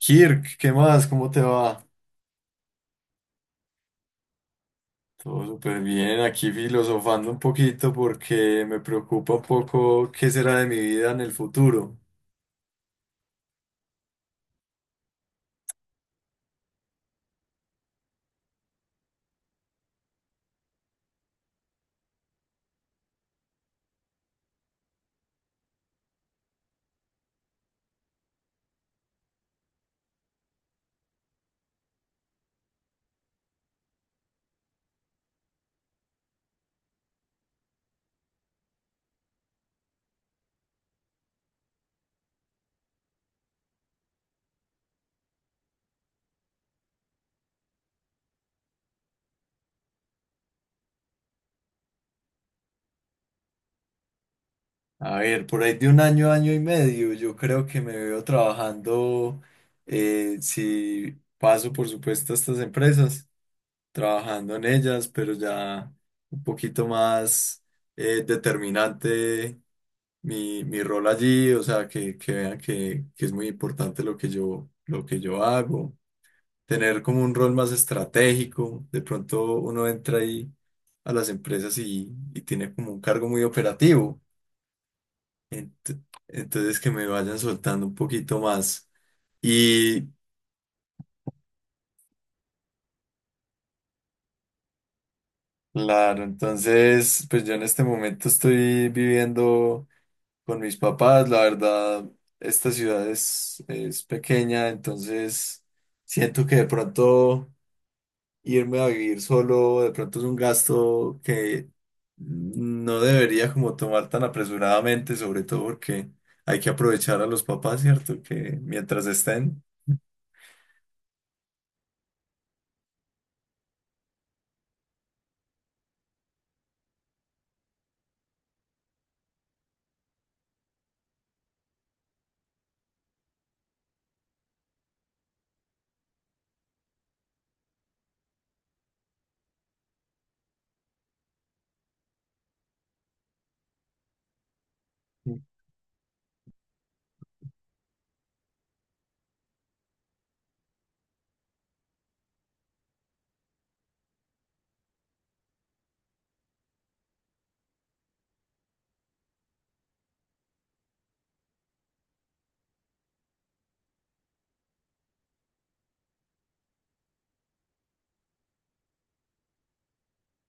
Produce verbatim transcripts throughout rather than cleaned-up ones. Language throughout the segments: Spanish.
Kirk, ¿qué más? ¿Cómo te va? Todo súper bien, aquí filosofando un poquito porque me preocupa un poco qué será de mi vida en el futuro. A ver, por ahí de un año, año y medio, yo creo que me veo trabajando, eh, si paso por supuesto a estas empresas, trabajando en ellas, pero ya un poquito más eh, determinante mi, mi rol allí, o sea, que, que vean que, que es muy importante lo que yo, lo que yo hago, tener como un rol más estratégico. De pronto uno entra ahí a las empresas y, y tiene como un cargo muy operativo. Ent- entonces que me vayan soltando un poquito más. Y claro, entonces pues yo en este momento estoy viviendo con mis papás. La verdad, esta ciudad es, es pequeña, entonces siento que de pronto... irme a vivir solo, de pronto, es un gasto que no debería como tomar tan apresuradamente, sobre todo porque hay que aprovechar a los papás, ¿cierto? Que mientras estén.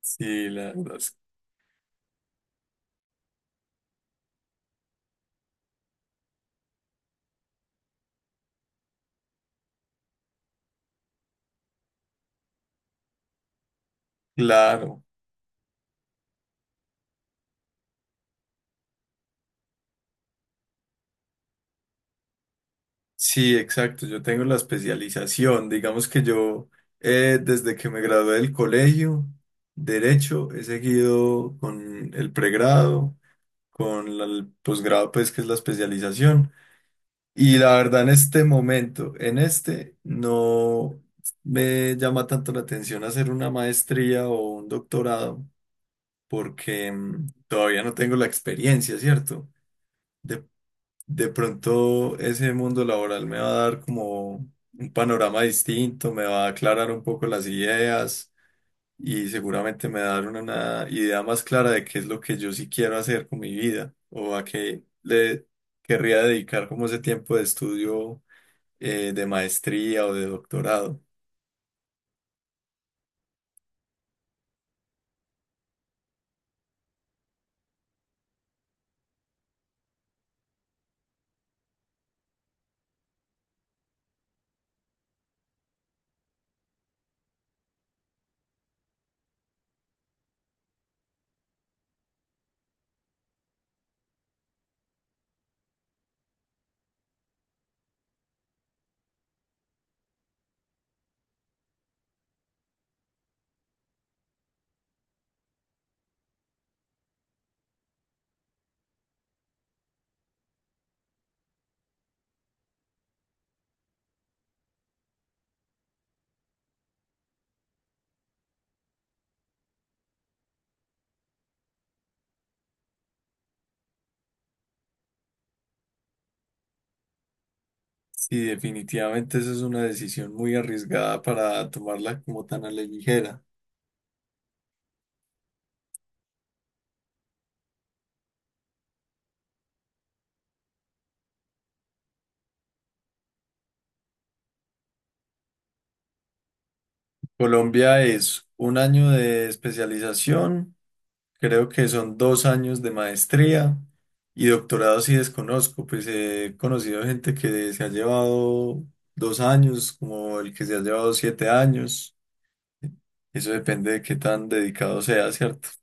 Sí, la verdad es- claro. Sí, exacto. Yo tengo la especialización. Digamos que yo, eh, desde que me gradué del colegio, Derecho, he seguido con el pregrado, con la- el posgrado, pues, que es la especialización. Y la verdad, en este momento, en este, no me llama tanto la atención hacer una maestría o un doctorado, porque mm, todavía no tengo la experiencia, ¿cierto? De, de pronto ese mundo laboral me va a dar como un panorama distinto, me va a aclarar un poco las ideas y seguramente me va a dar una, una idea más clara de qué es lo que yo sí quiero hacer con mi vida o a qué le querría dedicar como ese tiempo de estudio, eh, de maestría o de doctorado. Sí, definitivamente esa es una decisión muy arriesgada para tomarla como tan a la ligera. Colombia es un año de especialización, creo que son dos años de maestría y doctorado sí desconozco, pues he conocido gente que se ha llevado dos años, como el que se ha llevado siete años. Eso depende de qué tan dedicado sea, ¿cierto?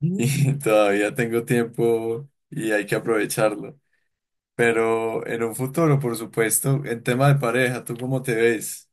Y todavía tengo tiempo y hay que aprovecharlo. Pero en un futuro, por supuesto, en tema de pareja, ¿tú cómo te ves?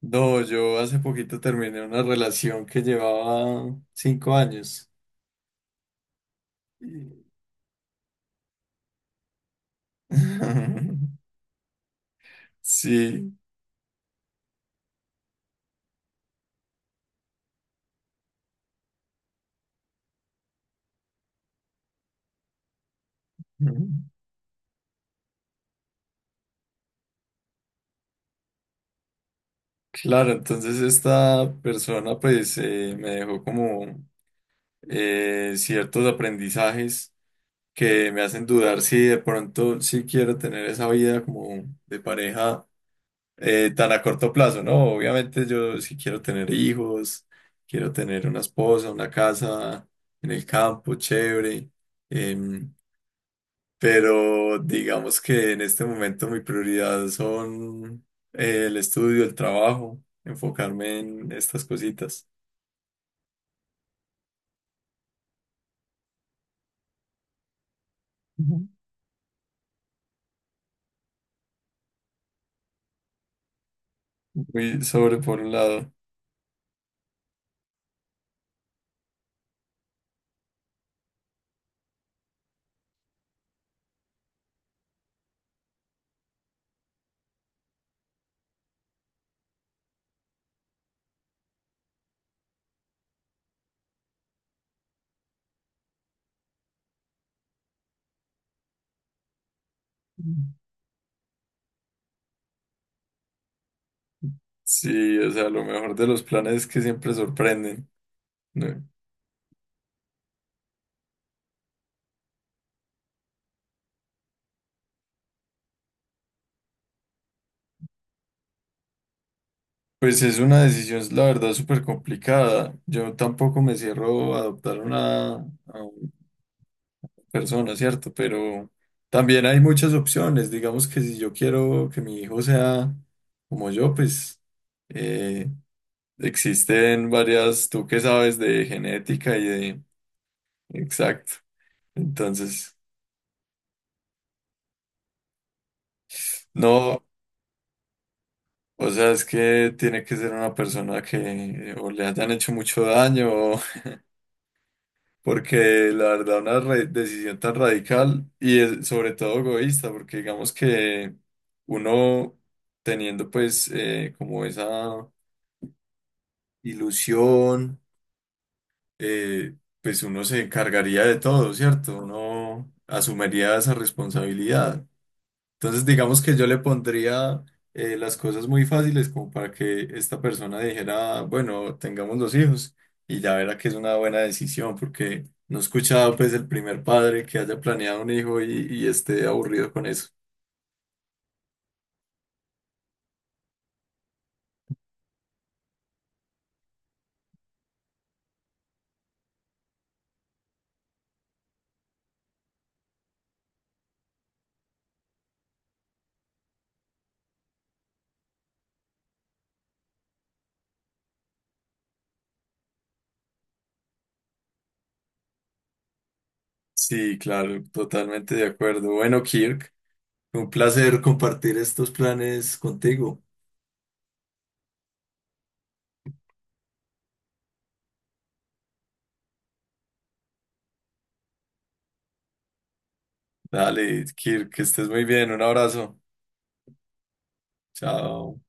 No, yo hace poquito terminé una relación que llevaba cinco años. Sí, claro, entonces esta persona pues eh, me dejó como eh, ciertos aprendizajes que me hacen dudar si de pronto sí quiero tener esa vida como de pareja, eh, tan a corto plazo, ¿no? Obviamente yo si quiero tener hijos, quiero tener una esposa, una casa en el campo, chévere. em, pero digamos que en este momento mi prioridad son, eh, el estudio, el trabajo, enfocarme en estas cositas. Ujú. Muy sobre por un lado. Sí, o sea, lo mejor de los planes es que siempre sorprenden, ¿no? Pues es una decisión, la verdad, súper complicada. Yo tampoco me cierro a adoptar una, a una persona, ¿cierto? Pero también hay muchas opciones. Digamos que si yo quiero que mi hijo sea como yo, pues eh, existen varias, tú que sabes de genética y de. Exacto. Entonces, no, o sea, es que tiene que ser una persona que o le hayan hecho mucho daño, porque la verdad una re- decisión tan radical y es- sobre todo egoísta, porque digamos que uno teniendo pues eh, como esa ilusión, eh, pues uno se encargaría de todo, ¿cierto? Uno asumiría esa responsabilidad. Entonces, digamos que yo le pondría, eh, las cosas muy fáciles como para que esta persona dijera, bueno, tengamos dos hijos y ya verá que es una buena decisión, porque no he escuchado pues el primer padre que haya planeado un hijo y, y esté aburrido con eso. Sí, claro, totalmente de acuerdo. Bueno, Kirk, un placer compartir estos planes contigo. Dale, Kirk, que estés muy bien. Un abrazo. Chao.